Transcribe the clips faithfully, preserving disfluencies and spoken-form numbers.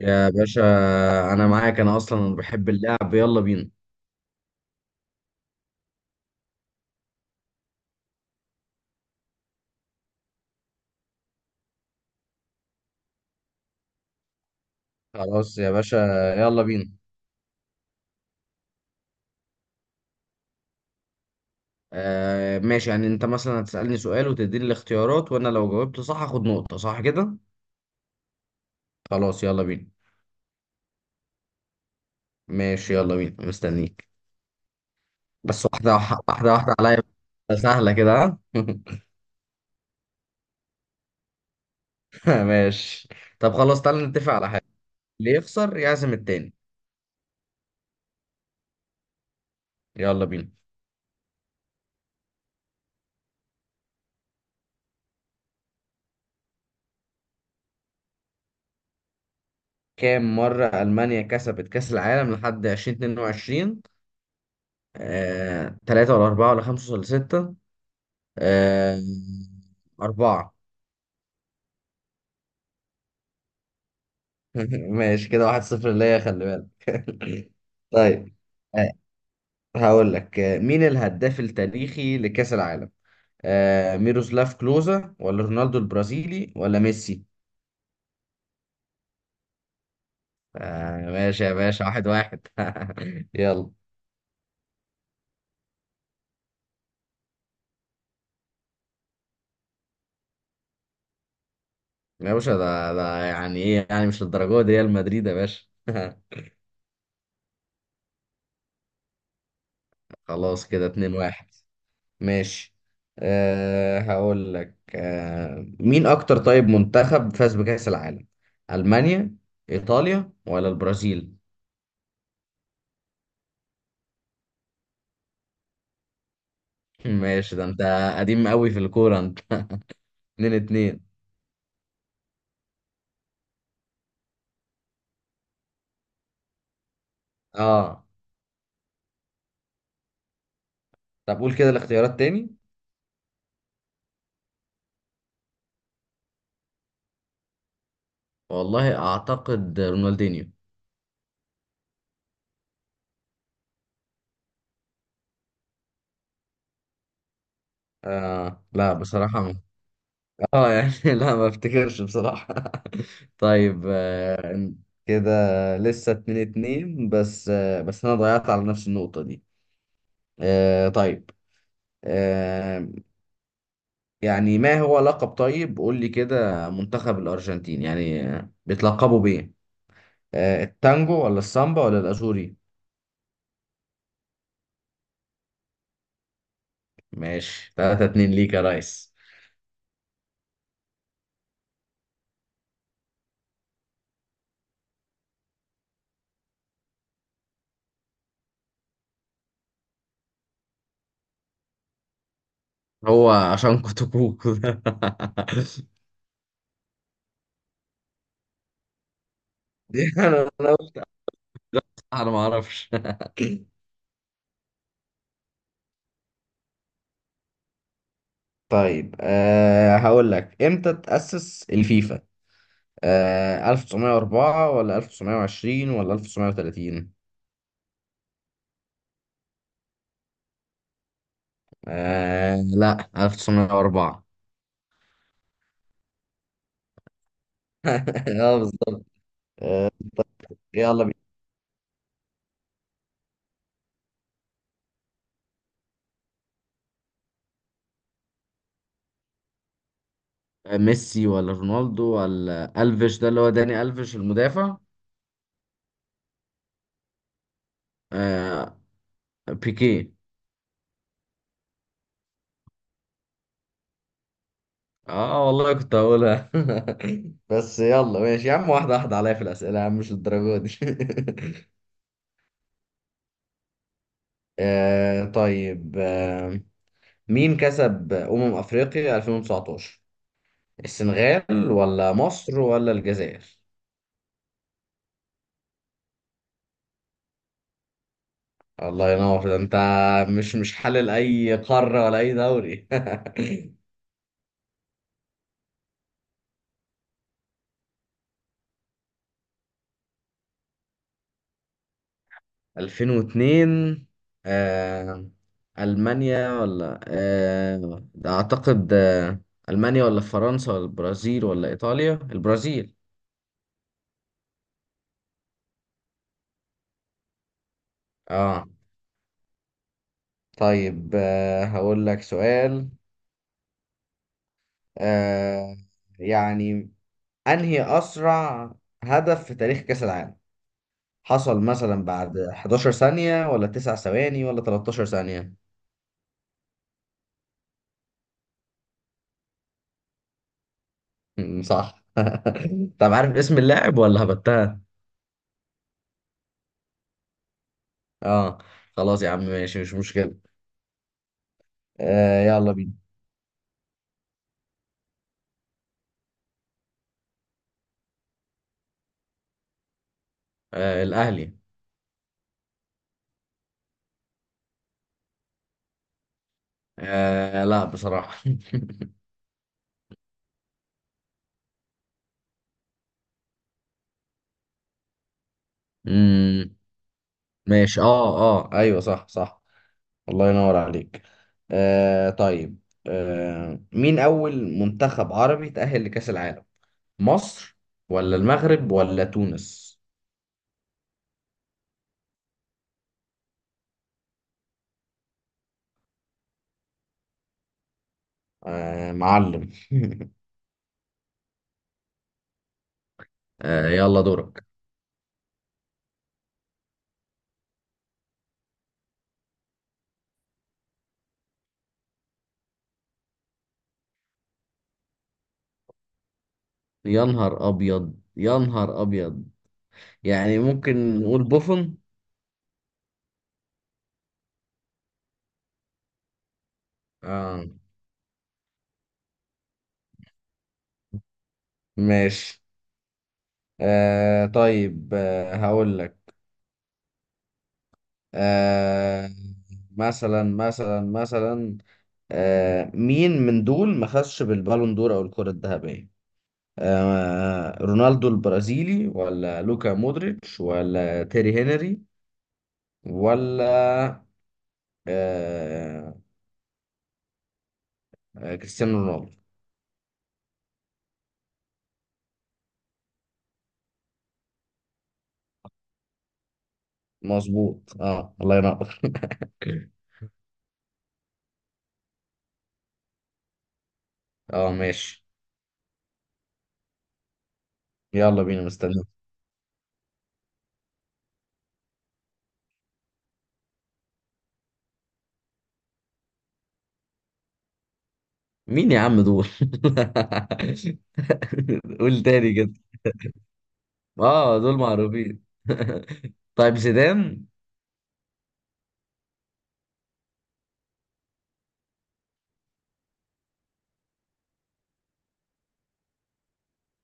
يا باشا، انا معاك. انا اصلا بحب اللعب، يلا بينا. خلاص يا باشا، يلا بينا. آه ماشي، يعني انت مثلا هتسألني سؤال وتديني الاختيارات وانا لو جاوبت صح هاخد نقطة، صح كده؟ خلاص يلا بينا. ماشي يلا بينا مستنيك. بس واحدة. واحدة واحدة عليا. سهلة كده، ها. ماشي. طب خلاص، تعالى نتفق على حاجة، اللي يخسر يعزم التاني. يلا بينا. كام مرة ألمانيا كسبت كأس العالم لحد ألفين واتنين وعشرين؟ آه، تلاتة ولا أربعة ولا خمسة ولا ستة؟ آه، أربعة. ماشي كده، واحد صفر ليا، خلي بالك. طيب، آه، هقول لك، آه، مين الهداف التاريخي لكأس العالم؟ آه، ميروسلاف كلوزا ولا رونالدو البرازيلي ولا ميسي؟ آه، ماشي يا باشا، واحد واحد. يلا. يا باشا ده ده يعني ايه؟ يعني مش للدرجة دي، ريال مدريد يا باشا. خلاص كده اتنين واحد. ماشي. أه هقول لك، أه مين اكتر طيب منتخب فاز بكأس العالم؟ ألمانيا، ايطاليا ولا البرازيل؟ ماشي، ده انت قديم قوي في الكورة انت. اتنين اتنين. اه، طب قول كده الاختيارات تاني. والله اعتقد رونالدينيو. آه لا بصراحة ما. اه يعني، لا ما افتكرش بصراحة. طيب، آه كده لسه اتنين اتنين، بس آه بس انا ضيعت على نفس النقطة دي. آه طيب آه، يعني ما هو لقب، طيب قول لي كده منتخب الأرجنتين، يعني آه، بيتلقبوا بإيه؟ آه، التانجو ولا السامبا ولا الأزوري؟ ماشي، تلاتة اتنين ليك يا ريس. هو عشان كتكوت. انا أنا قلت، انا ما اعرفش. طيب، أه هقول لك، امتى تأسس الفيفا؟ أه ألف وتسعمية واربعة ولا ألف وتسعمية وعشرين ولا ألف وتسعمائة وثلاثين؟ أه لا، ألف وتسعمية واربعة. اه، بالظبط. يلا. آه، ميسي ولا رونالدو ولا ألفيش، ده اللي هو داني ألفيش المدافع. آه بيكي. اه والله كنت هقولها. بس يلا ماشي يا عم، واحدة واحدة عليا في الأسئلة يا عم، مش للدرجة دي. آه طيب آه مين كسب أمم أفريقيا ألفين وتسعتاشر؟ السنغال ولا مصر ولا الجزائر؟ الله ينور، ده انت مش مش حلل اي قارة ولا اي دوري. ألفين واتنين، آه ألمانيا ولا، آه ده أعتقد، آه ألمانيا ولا فرنسا ولا البرازيل ولا إيطاليا؟ البرازيل. آه طيب، آه هقول لك سؤال، آه يعني، أنهي أسرع هدف في تاريخ كأس العالم حصل، مثلا بعد احداشر ثانية ولا تسع ثواني ولا تلتاشر ثانية؟ م- صح. طب، عارف اسم اللاعب ولا هبتها؟ اه، خلاص يا عم ماشي، مش مشكلة. آه يلا بينا. آه الأهلي. آه لا بصراحة. مم، ماشي، اه، اه، ايوه، صح، صح. الله ينور عليك. آه طيب، آه مين أول منتخب عربي تأهل لكأس العالم؟ مصر ولا المغرب ولا تونس؟ آه معلم. آه يلا دورك. يا نهار ابيض، يا نهار ابيض. يعني ممكن نقول بوفون. آه ماشي. آه طيب، آه هقول لك، آه مثلا مثلا مثلا آه مين من دول ما خدش بالبالون دور او الكرة الذهبية؟ آه رونالدو البرازيلي ولا لوكا مودريتش ولا تيري هنري ولا، آه آه، كريستيانو رونالدو؟ مظبوط، اه الله ينور. اه ماشي. يلا بينا، مستني. مين يا عم دول؟ قول تاني كده. اه، دول معروفين. طيب، زيدان.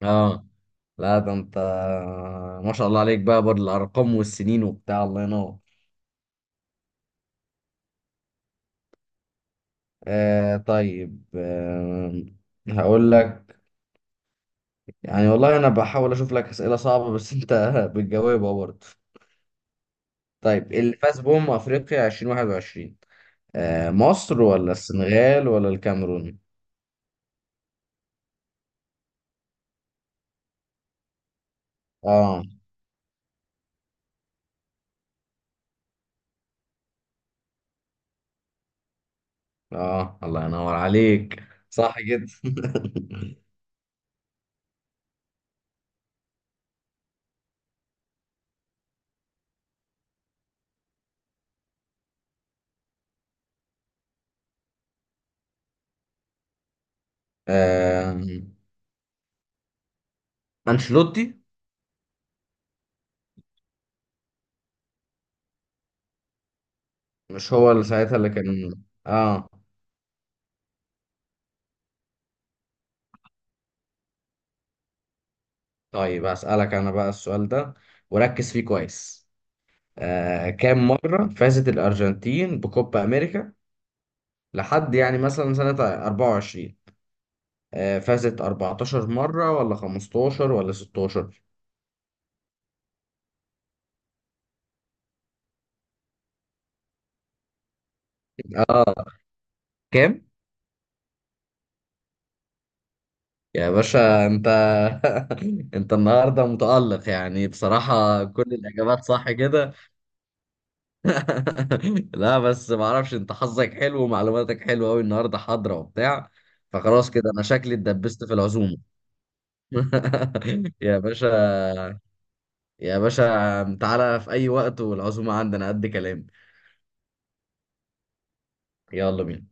اه لا، ده انت ما شاء الله عليك بقى، بالارقام والسنين وبتاع، الله ينور. آه طيب، آه هقول لك، يعني والله انا بحاول اشوف لك اسئله صعبه بس انت بتجاوبها برضه. طيب، اللي فاز بأمم افريقيا ألفين وواحد وعشرين؟ آه مصر ولا السنغال ولا الكاميرون؟ اه، اه، الله ينور عليك. صح جدا. آه انشيلوتي. مش هو اللي ساعتها اللي كان؟ اه. طيب، أسألك أنا بقى السؤال ده، وركز فيه كويس. آه كام مرة فازت الأرجنتين بكوبا أمريكا لحد، يعني مثلا سنة اربعة وعشرين؟ آه فازت اربعتاشر مرة ولا خمستاشر ولا ستاشر؟ آه كام؟ يا باشا أنت. أنت النهاردة متألق، يعني بصراحة كل الإجابات صح كده. لا بس معرفش، أنت حظك حلو ومعلوماتك حلوة أوي النهاردة، حاضرة وبتاع. فخلاص كده أنا شكلي اتدبست في العزومة. يا باشا. يا باشا، تعالى في أي وقت، والعزومة عندنا قد كلام. يلا بينا.